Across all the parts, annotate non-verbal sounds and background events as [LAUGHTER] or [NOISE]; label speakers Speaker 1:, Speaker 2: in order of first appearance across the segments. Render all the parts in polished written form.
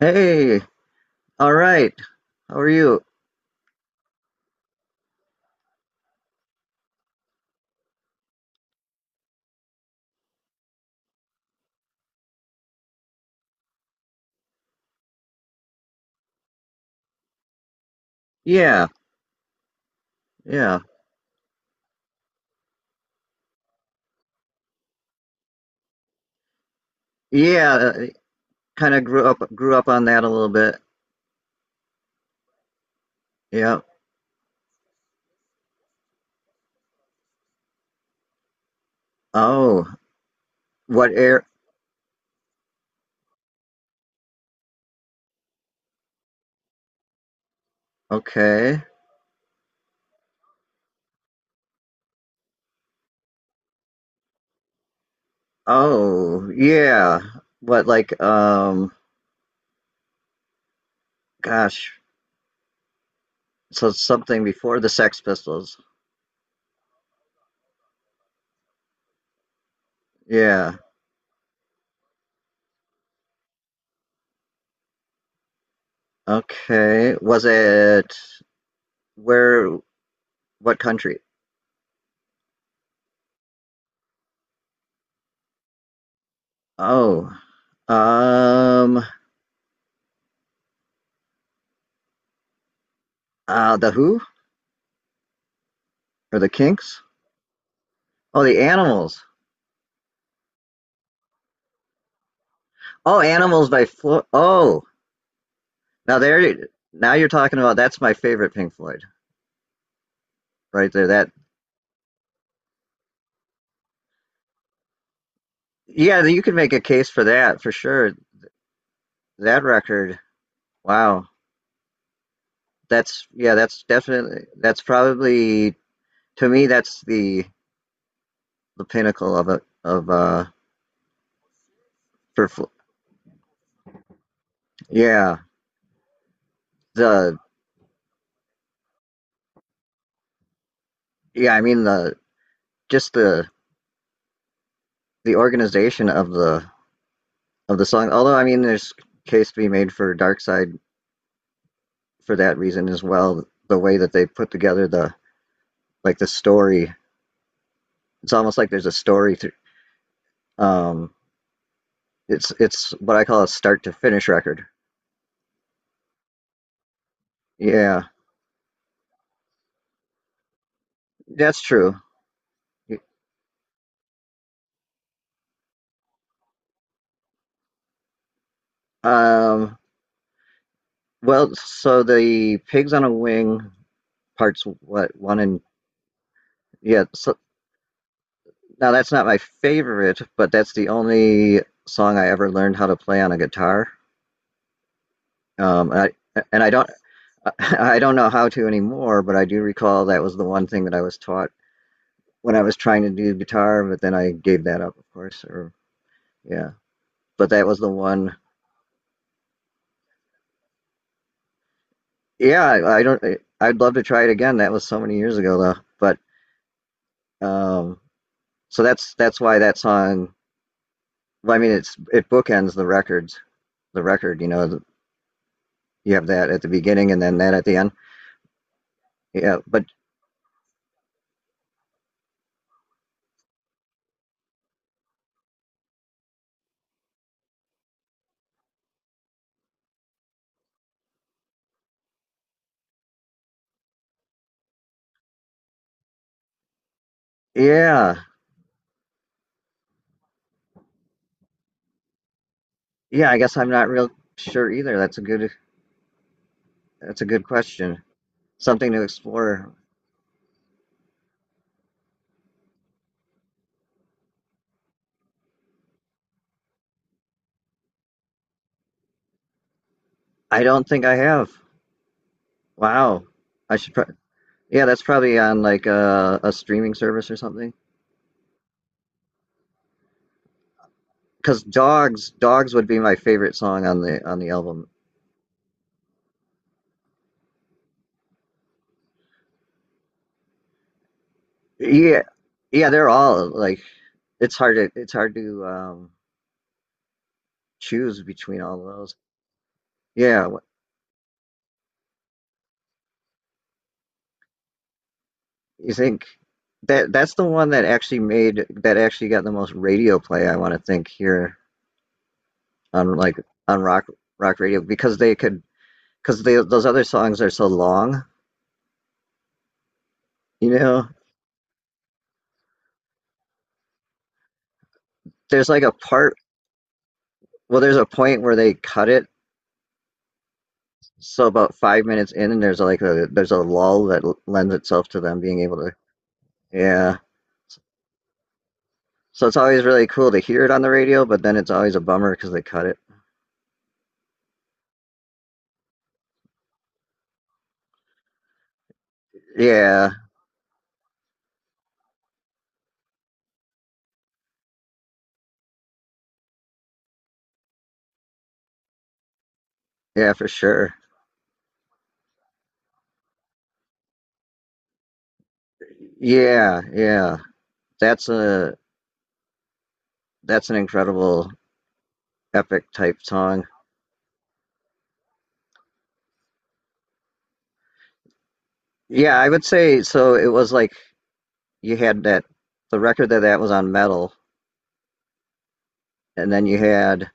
Speaker 1: Hey, all right. How are you? Yeah, yeah, yeah. Kind of grew up on that a little bit. Yeah. Oh, what air? Okay. Oh, yeah. What like? Gosh, so something before the Sex Pistols. Yeah. Okay. Was it where? What country? Oh, um, the Who or the Kinks? Oh, the Animals. Oh, Animals by Floyd. Oh, now there, now you're talking about that's my favorite Pink Floyd right there. That, yeah, you can make a case for that for sure. That record, wow, that's yeah, that's definitely that's probably to me that's the pinnacle of it of for Fl- yeah the yeah I mean the just the organization of the song. Although I mean there's case to be made for Dark Side for that reason as well. The way that they put together the like the story. It's almost like there's a story through. Um, it's what I call a start to finish record. Yeah, that's true. Um, well, so the Pigs on a Wing parts what one and yeah. So now that's not my favorite, but that's the only song I ever learned how to play on a guitar. And I don't [LAUGHS] I don't know how to anymore, but I do recall that was the one thing that I was taught when I was trying to do guitar, but then I gave that up, of course. Or yeah, but that was the one. Yeah, I don't. I'd love to try it again. That was so many years ago, though. But um, so that's why that song. Well, I mean, it bookends the records. The record, you know, you have that at the beginning and then that at the end. Yeah, but yeah, yeah. I guess I'm not real sure either. That's a good question. Something to explore. I don't think I have. Wow. I should. Yeah, that's probably on like a streaming service or something. Because dogs would be my favorite song on the album. Yeah, yeah, they're all like, it's hard to choose between all of those. Yeah. You think that that's the one that actually made that actually got the most radio play, I want to think here, on like on rock radio because they could, because they those other songs are so long. You know, there's like a part, well there's a point where they cut it. So about 5 minutes in, and there's like a there's a lull that lends itself to them being able to. Yeah. So it's always really cool to hear it on the radio, but then it's always a bummer because they cut it. Yeah. Yeah, for sure. Yeah. Yeah. That's a that's an incredible epic type song. Yeah, I would say so. It was like you had that the record that that was on metal, and then you had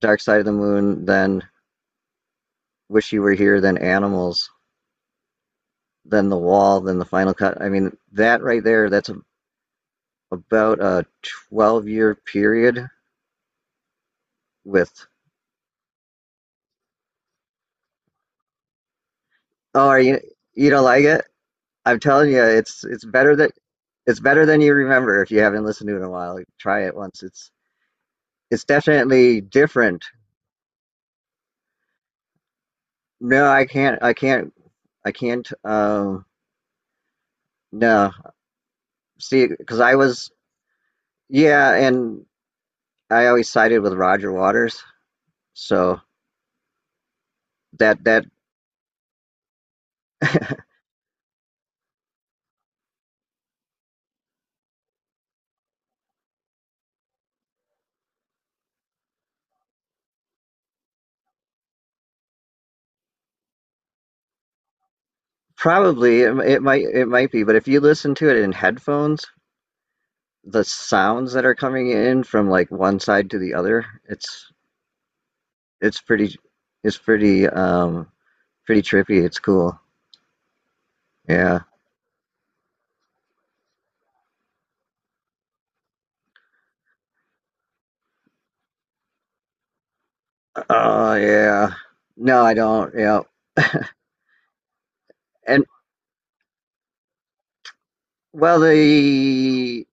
Speaker 1: Dark Side of the Moon, then Wish You Were Here, then Animals, then the wall, then the final cut. I mean, that right there, that's a, about a 12-year period with, oh, are you, you don't like it? I'm telling you, it's better that, it's better than you remember if you haven't listened to it in a while. Try it once. It's definitely different. No, I can't, I can't, I can't, no, see, because I was, yeah, and I always sided with Roger Waters. So that, that, [LAUGHS] probably it, it might be, but if you listen to it in headphones, the sounds that are coming in from like one side to the other, it's pretty it's pretty um pretty trippy. It's cool. Yeah. Oh yeah. No, I don't. Yeah. And well, they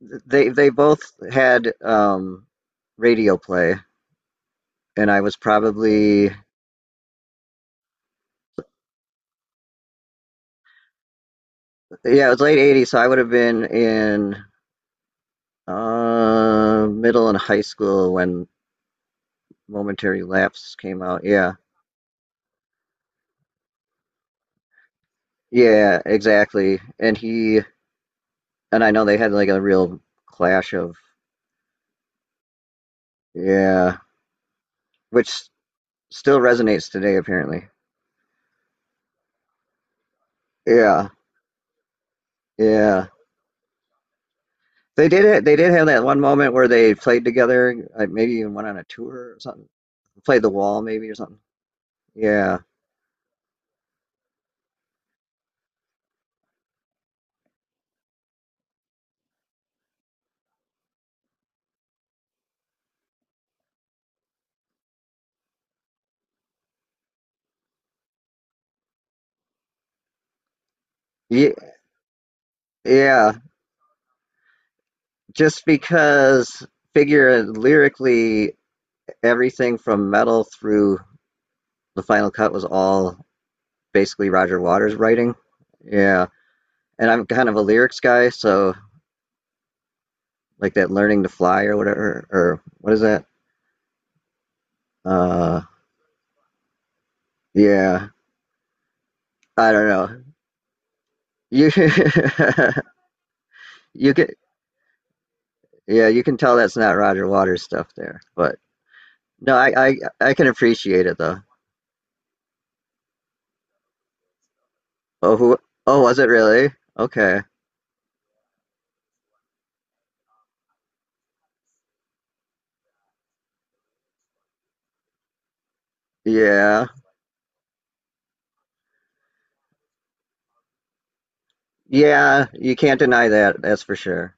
Speaker 1: they they both had radio play, and I was probably yeah, it was late '80s, so I would have been in middle and high school when momentary lapse came out. Yeah. Yeah, exactly. And he, and I know they had like a real clash of, yeah, which still resonates today apparently. Yeah. Yeah. They did it. They did have that one moment where they played together, like maybe even went on a tour or something. Played the wall maybe or something. Yeah. Yeah, yeah. Just because figure lyrically everything from metal through the final cut was all basically Roger Waters writing. Yeah. And I'm kind of a lyrics guy, so like that learning to fly or whatever, or what is that? Uh, yeah, I don't know. You [LAUGHS] you can yeah, you can tell that's not Roger Waters stuff there, but no, I can appreciate it though. Oh who? Oh, was it really? Okay, yeah, yeah, you can't deny that. That's for sure.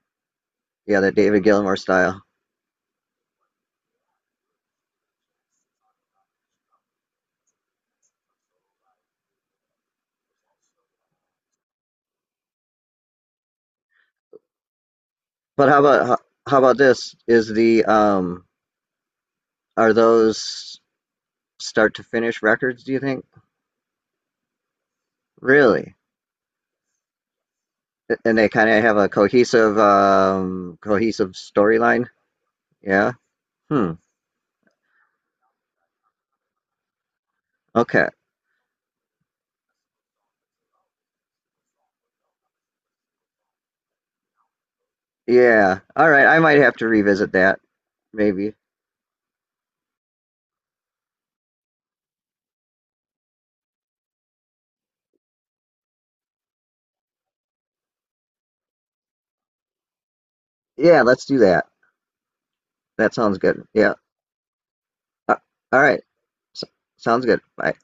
Speaker 1: Yeah, that David Gilmour style. But how about this? Is the are those start to finish records? Do you think really? And they kind of have a cohesive cohesive storyline. Yeah. Hmm. Okay. Yeah. All right. I might have to revisit that. Maybe. Yeah. Let's do that. That sounds good. Yeah. Uh, all right. S sounds good. Bye.